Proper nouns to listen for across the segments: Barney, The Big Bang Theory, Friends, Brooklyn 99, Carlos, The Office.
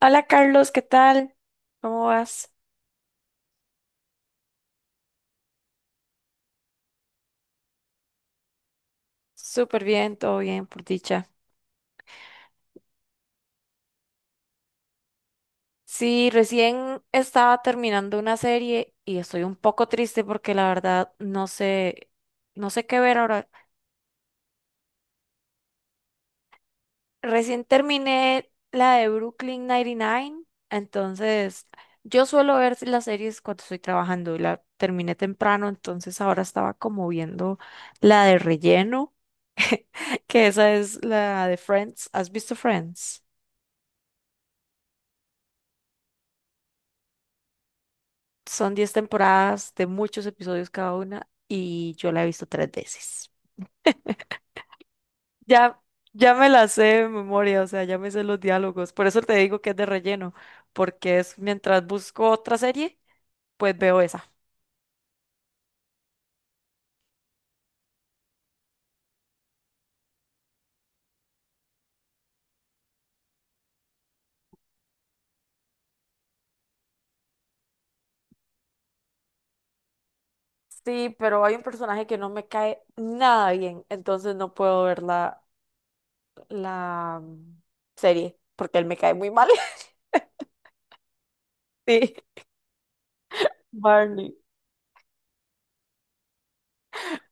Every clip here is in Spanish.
Hola Carlos, ¿qué tal? ¿Cómo vas? Súper bien, todo bien, por dicha. Sí, recién estaba terminando una serie y estoy un poco triste porque la verdad no sé qué ver ahora. Recién terminé la de Brooklyn 99, entonces yo suelo ver las series cuando estoy trabajando y la terminé temprano, entonces ahora estaba como viendo la de relleno, que esa es la de Friends. ¿Has visto Friends? Son 10 temporadas de muchos episodios cada una y yo la he visto tres veces. Ya, ya me la sé de memoria, o sea, ya me sé los diálogos. Por eso te digo que es de relleno, porque es mientras busco otra serie, pues veo esa. Sí, pero hay un personaje que no me cae nada bien, entonces no puedo ver la serie, porque él me cae muy mal. Sí, Barney.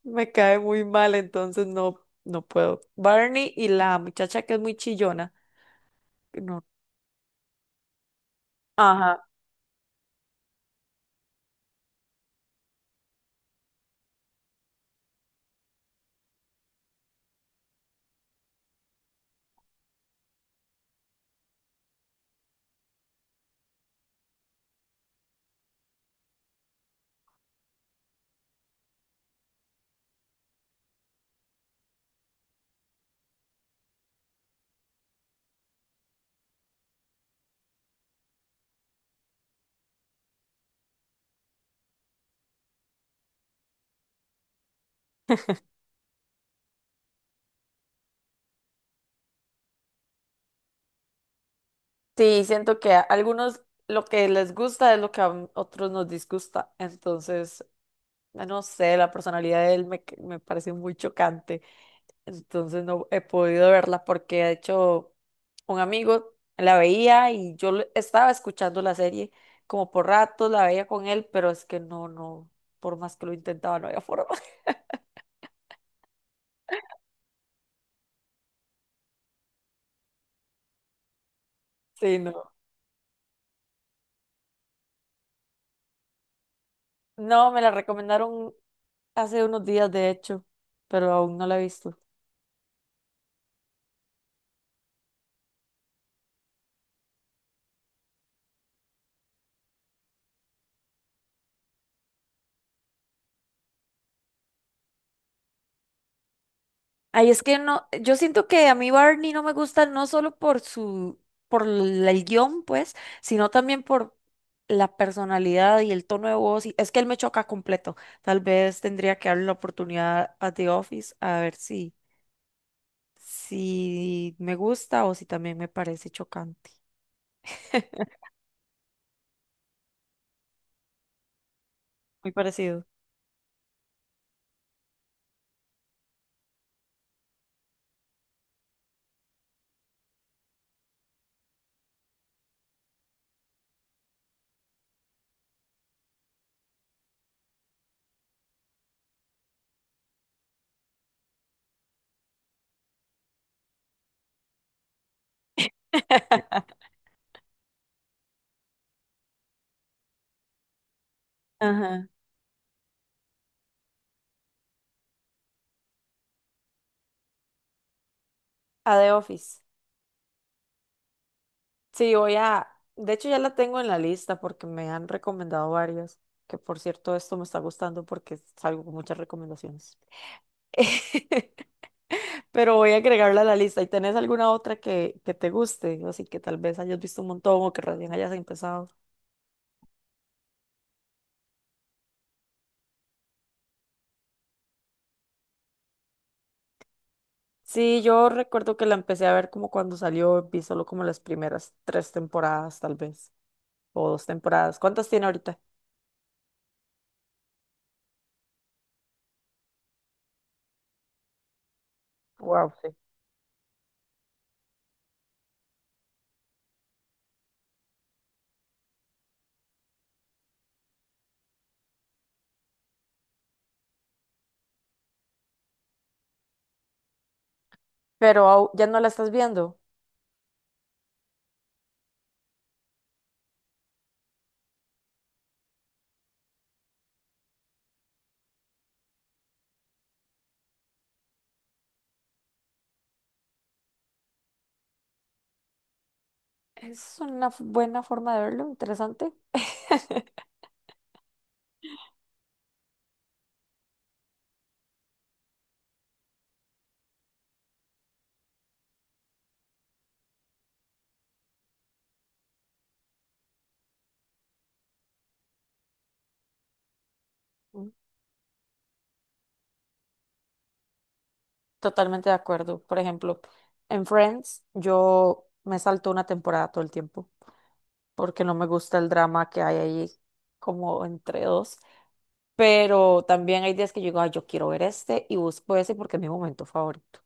Me cae muy mal, entonces no, no puedo. Barney y la muchacha que es muy chillona. No. Ajá. Sí, siento que a algunos lo que les gusta es lo que a otros nos disgusta. Entonces, ah, no sé, la personalidad de él me parece muy chocante. Entonces, no he podido verla porque, de hecho, un amigo la veía y yo estaba escuchando la serie como por ratos, la veía con él, pero es que no, no, por más que lo intentaba, no había forma. Sí, no. No, me la recomendaron hace unos días, de hecho, pero aún no la he visto. Ay, es que no, yo siento que a mí Barney no me gusta no solo por su, el guión, pues, sino también por la personalidad y el tono de voz. Es que él me choca completo. Tal vez tendría que darle la oportunidad a The Office a ver si me gusta o si también me parece chocante. Muy parecido. Ajá. A The Office. Sí, voy a, de hecho ya la tengo en la lista porque me han recomendado varias, que por cierto esto me está gustando porque salgo con muchas recomendaciones. Pero voy a agregarla a la lista. ¿Y tenés alguna otra que te guste? Así que tal vez hayas visto un montón o que recién hayas empezado. Sí, yo recuerdo que la empecé a ver como cuando salió, vi solo como las primeras tres temporadas tal vez, o dos temporadas. ¿Cuántas tiene ahorita? Wow, sí. Pero ya no la estás viendo. Es una buena forma de verlo, interesante. Mm. Totalmente de acuerdo. Por ejemplo, en Friends yo me salto una temporada todo el tiempo porque no me gusta el drama que hay ahí como entre dos. Pero también hay días que yo digo, "Ay, yo quiero ver este y busco ese porque es mi momento favorito.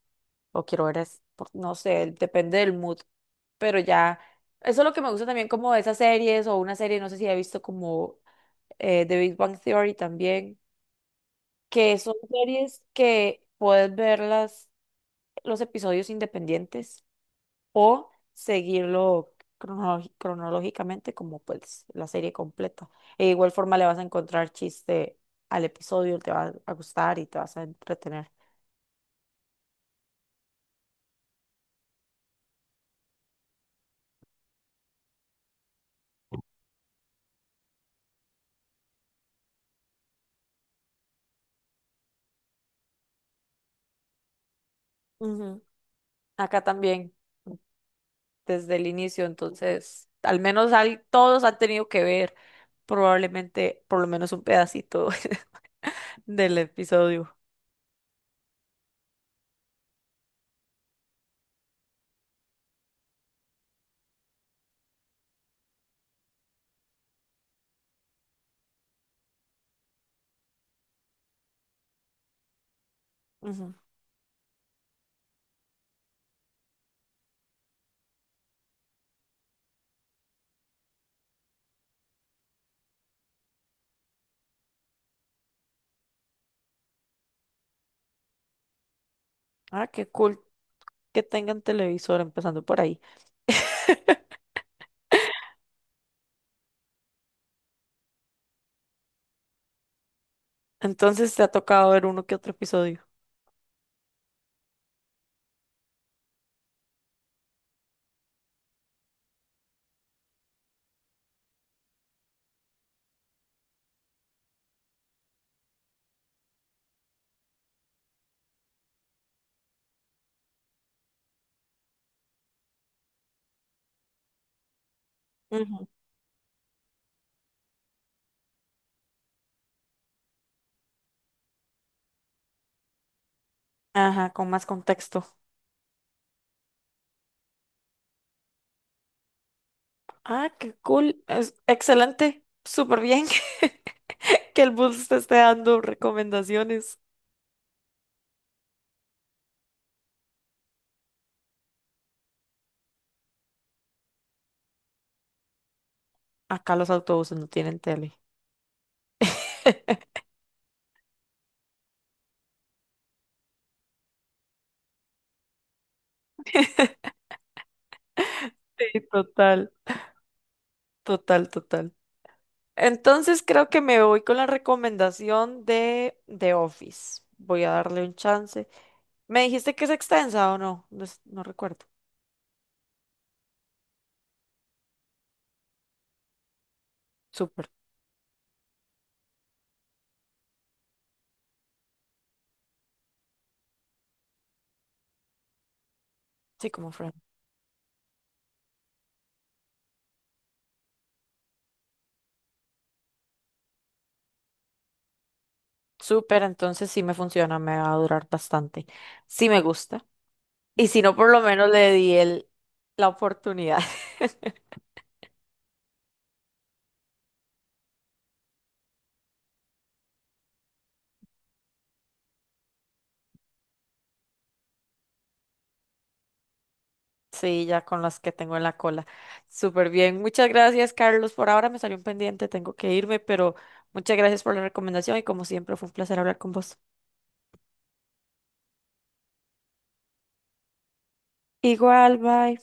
O quiero ver este, no sé, depende del mood. Pero ya, eso es lo que me gusta también como de esas series o una serie, no sé si he visto como The Big Bang Theory también, que son series que puedes verlas los episodios independientes o seguirlo cronológicamente como pues la serie completa. E igual forma le vas a encontrar chiste al episodio, te va a gustar y te vas a entretener. Ujú. Acá también, desde el inicio, entonces, al menos todos han tenido que ver probablemente por lo menos un pedacito del episodio. Ujú. Ah, qué cool que tengan televisor empezando por ahí. Entonces te ha tocado ver uno que otro episodio. Ujú. Ajá, con más contexto. Ah, qué cool. Es excelente. Súper bien que el bus te esté dando recomendaciones. Acá los autobuses no tienen tele. Sí, total, total, total. Entonces creo que me voy con la recomendación de The Office. Voy a darle un chance. ¿Me dijiste que es extensa o no? No, no recuerdo. Súper, sí, como Friend. Súper, entonces sí me funciona, me va a durar bastante. Sí me gusta. Y si no, por lo menos le di el, la oportunidad. Sí, ya con las que tengo en la cola. Súper bien. Muchas gracias, Carlos. Por ahora me salió un pendiente, tengo que irme, pero muchas gracias por la recomendación y como siempre fue un placer hablar con vos. Igual, bye.